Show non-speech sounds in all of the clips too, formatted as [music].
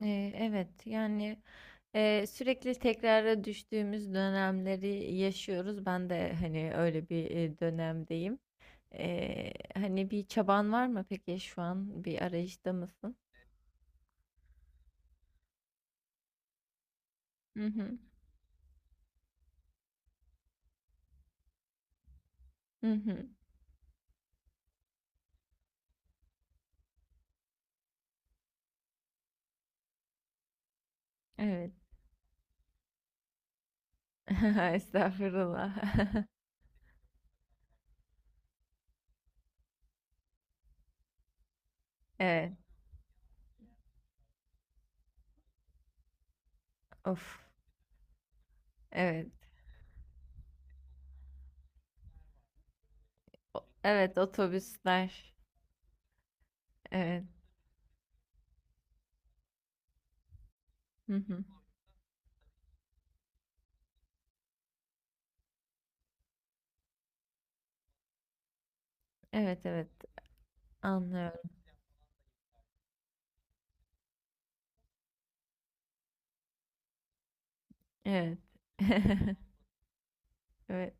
Evet, yani sürekli tekrara düştüğümüz dönemleri yaşıyoruz. Ben de hani öyle bir dönemdeyim. Hani bir çaban var mı peki? Şu an bir arayışta mısın? Hı hı. Hı hı. Evet. [laughs] Estağfurullah. [laughs] Evet. Of. Evet. Evet, otobüsler. Evet. Hı hı. Evet, evet, anlıyorum. Evet. [laughs] Evet.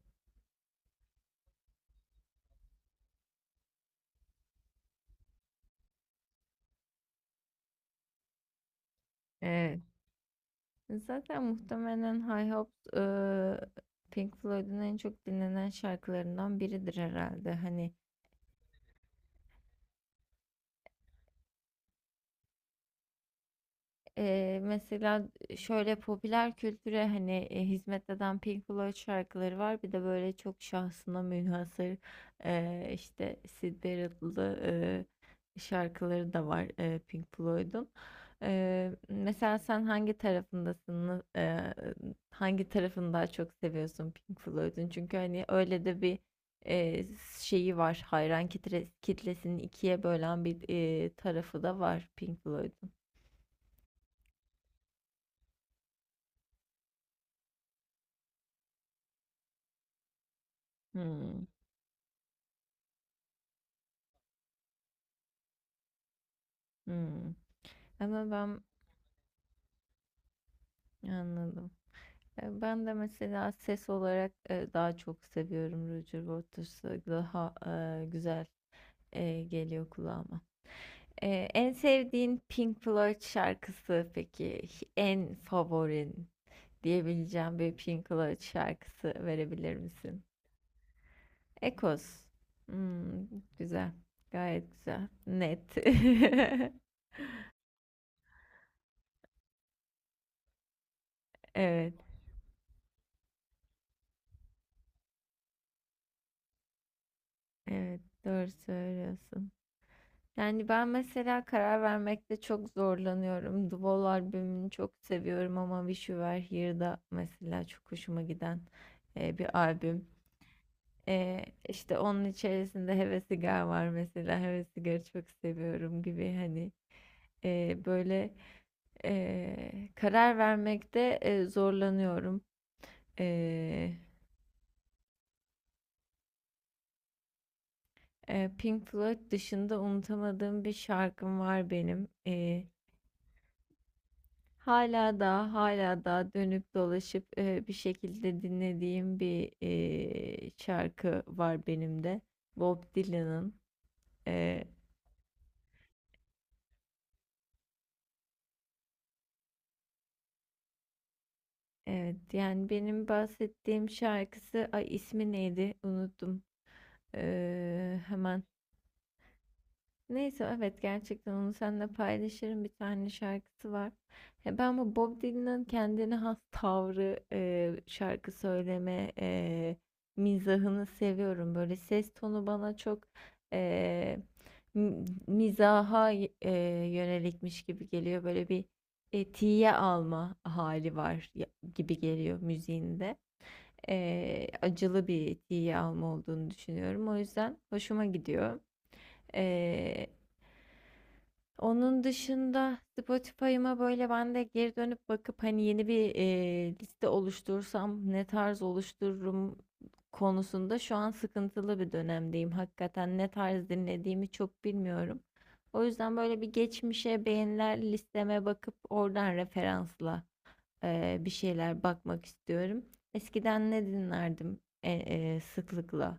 Evet. Zaten muhtemelen High Hopes, Pink Floyd'un en çok dinlenen şarkılarından biridir herhalde. Hani, mesela şöyle popüler kültüre hani hizmet eden Pink Floyd şarkıları var. Bir de böyle çok şahsına münhasır, işte Syd Barrett'lı şarkıları da var Pink Floyd'un. Mesela sen hangi tarafındasın? Hangi tarafını daha çok seviyorsun Pink Floyd'un? Çünkü hani öyle de bir eee, şeyi var. Hayran kitlesini ikiye bölen bir tarafı da var Pink Floyd'un. Hmm. Hımm. Ama ben Anladım. Ben de mesela ses olarak, daha çok seviyorum Roger Waters'ı. Daha, güzel, geliyor kulağıma. En sevdiğin Pink Floyd şarkısı peki? En favorin diyebileceğim bir Pink Floyd şarkısı verebilir misin? Echoes. Hımm, güzel. Gayet güzel. Net. [laughs] Evet, evet. Doğru söylüyorsun. Yani ben mesela karar vermekte çok zorlanıyorum. The Wall albümünü çok seviyorum, ama Wish You Were Here'da mesela çok hoşuma giden bir albüm. İşte onun içerisinde Heves Sigar var mesela. Heves Sigar'ı çok seviyorum gibi, hani, böyle karar vermekte zorlanıyorum. E, Pink Floyd dışında unutamadığım bir şarkım var benim. Hala da, hala da dönüp dolaşıp, bir şekilde dinlediğim bir, şarkı var benim de. Bob Dylan'ın. Eee, evet, yani benim bahsettiğim şarkısı, ay, ismi neydi? Unuttum. Hemen Neyse, evet, gerçekten onu seninle paylaşırım. Bir tane şarkısı var. Ya ben bu Bob Dylan'ın kendine has tavrı, şarkı söyleme mizahını seviyorum. Böyle ses tonu bana çok e, mizaha yönelikmiş gibi geliyor. Böyle bir tiye alma hali var, gibi geliyor müziğinde. Acılı bir tiye alma olduğunu düşünüyorum. O yüzden hoşuma gidiyor. Onun dışında Spotify'ıma böyle ben de geri dönüp bakıp, hani yeni bir liste oluştursam ne tarz oluştururum konusunda şu an sıkıntılı bir dönemdeyim. Hakikaten ne tarz dinlediğimi çok bilmiyorum. O yüzden böyle bir geçmişe, beğeniler listeme bakıp oradan referansla bir şeyler bakmak istiyorum. Eskiden ne dinlerdim sıklıkla,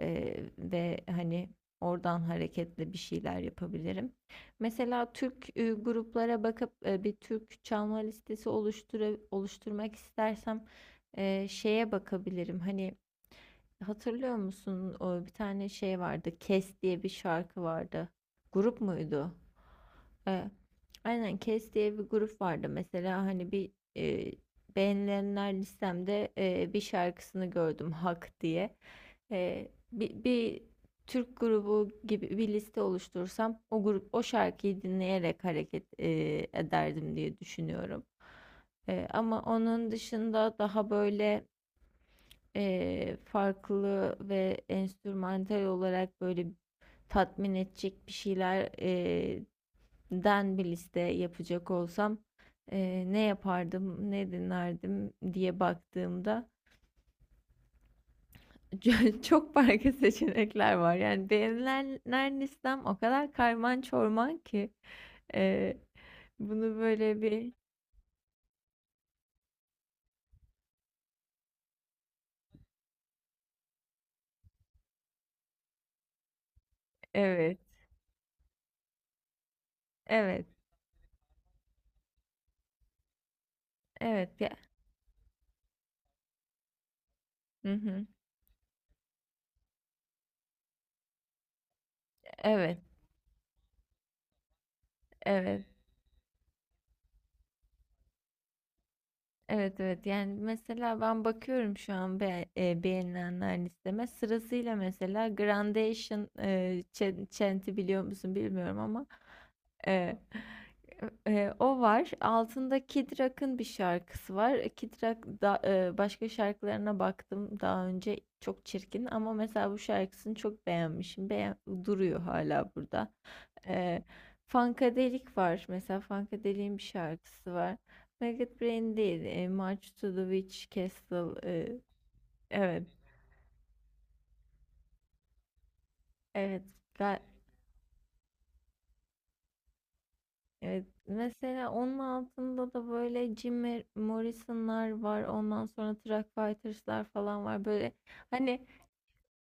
Ve hani oradan hareketle bir şeyler yapabilirim. Mesela Türk gruplara bakıp bir Türk çalma listesi oluşturmak istersem şeye bakabilirim. Hani, hatırlıyor musun? O bir tane şey vardı. Kes diye bir şarkı vardı. Grup muydu? Ee, aynen, Kes diye bir grup vardı. Mesela hani bir e, beğenilenler listemde bir şarkısını gördüm, Hak diye. Bir Türk grubu gibi bir liste oluşturursam, o grup o şarkıyı dinleyerek hareket ederdim diye düşünüyorum. Ama onun dışında daha böyle farklı ve enstrümantal olarak böyle tatmin edecek bir şeyler den bir liste yapacak olsam ne yapardım, ne dinlerdim diye baktığımda [laughs] çok farklı seçenekler var. Yani beğenilenler listem o kadar karman çorman ki, eee, bunu böyle bir Evet, evet, evet ya. Hı hı. Evet, evet. Evet, evet, yani mesela ben bakıyorum şu an beğenilenler listeme sırasıyla, mesela Grandation, Chant'i biliyor musun bilmiyorum ama, e, o var, altında Kid Rock'ın bir şarkısı var. Kid Rock da, başka şarkılarına baktım daha önce, çok çirkin, ama mesela bu şarkısını çok beğenmişim. Beğen duruyor hala burada. e, Funkadelic var mesela, Funkadelic'in bir şarkısı var. Maggot Brain değil. March to the Witch Castle. Evet. Evet. ga- evet. Mesela onun altında da böyle Jim Morrison'lar var. Ondan sonra Truck Fighters'lar falan var. Böyle hani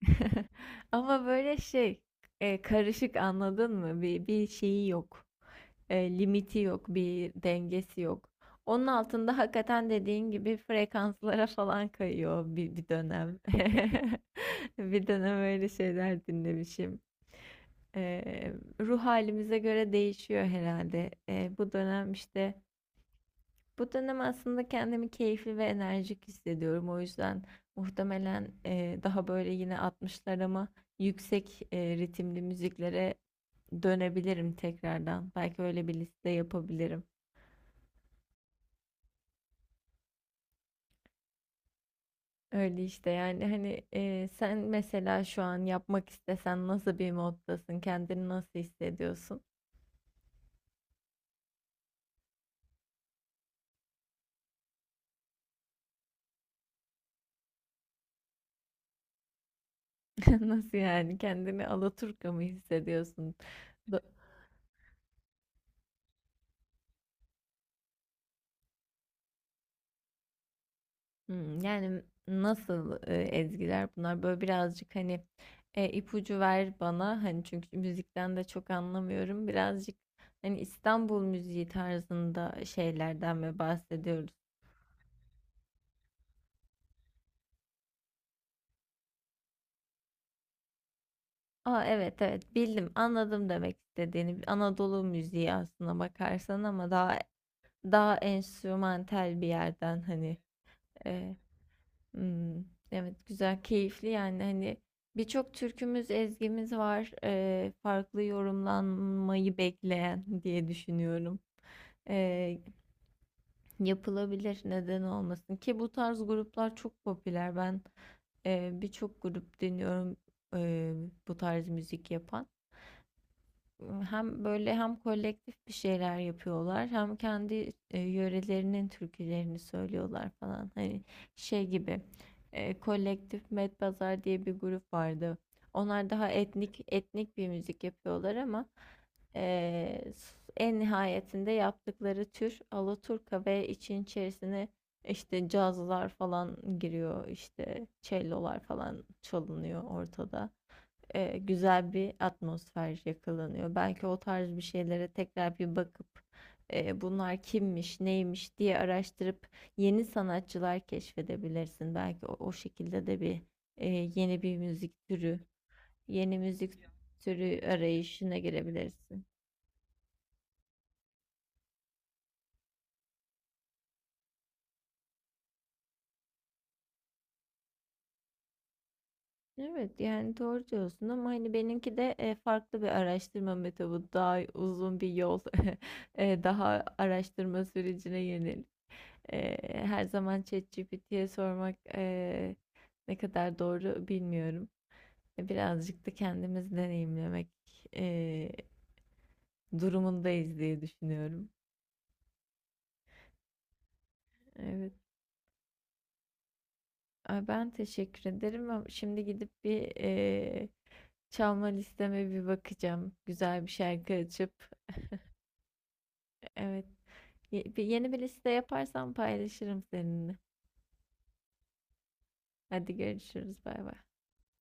[laughs] ama böyle şey, karışık, anladın mı? Bir şeyi yok. Limiti yok, bir dengesi yok. Onun altında hakikaten dediğin gibi frekanslara falan kayıyor bir dönem. [laughs] Bir dönem öyle şeyler dinlemişim. E, Ruh halimize göre değişiyor herhalde. Bu dönem işte. Bu dönem aslında kendimi keyifli ve enerjik hissediyorum. O yüzden muhtemelen daha böyle yine 60'larıma, yüksek ritimli müziklere dönebilirim tekrardan. Belki öyle bir liste yapabilirim. Öyle işte, yani hani sen mesela şu an yapmak istesen nasıl bir moddasın? Kendini nasıl hissediyorsun? [laughs] Nasıl yani? Kendini Alaturka mı hissediyorsun? Do- Hımm, yani nasıl, ezgiler bunlar? Böyle birazcık, hani, ipucu ver bana. Hani, çünkü müzikten de çok anlamıyorum. Birazcık, hani, İstanbul müziği tarzında şeylerden mi bahsediyoruz? A, evet, evet, bildim, anladım demek istediğini. Anadolu müziği aslına bakarsan, ama daha enstrümantal bir yerden, hani, e, Hmm, evet, güzel, keyifli, yani hani birçok türkümüz, ezgimiz var. Farklı yorumlanmayı bekleyen [laughs] diye düşünüyorum. Eee, Yapılabilir, neden olmasın ki, bu tarz gruplar çok popüler. Ben birçok grup dinliyorum, eee, bu tarz müzik yapan. Hem böyle, hem kolektif bir şeyler yapıyorlar, hem kendi yörelerinin türkülerini söylüyorlar falan. Hani şey gibi, kolektif, Medpazar diye bir grup vardı. Onlar daha etnik etnik bir müzik yapıyorlar, ama e, en nihayetinde yaptıkları tür Alaturka ve için içerisine işte cazlar falan giriyor, işte cellolar falan çalınıyor ortada, güzel bir atmosfer yakalanıyor. Belki o tarz bir şeylere tekrar bir bakıp, bunlar kimmiş, neymiş diye araştırıp yeni sanatçılar keşfedebilirsin. Belki o şekilde de bir e, yeni bir müzik türü, yeni müzik türü arayışına girebilirsin. Evet, yani doğru diyorsun, ama hani benimki de farklı bir araştırma metodu, daha uzun bir yol, [laughs] daha araştırma sürecine yönelik. Her zaman ChatGPT'ye sormak ne kadar doğru bilmiyorum. Birazcık da kendimiz deneyimlemek eee, durumundayız diye düşünüyorum. Evet. Ay, ben teşekkür ederim, ama şimdi gidip bir çalma listeme bir bakacağım. Güzel bir şarkı açıp. Evet. Yeni bir liste yaparsam paylaşırım seninle. Hadi görüşürüz. Bay bay.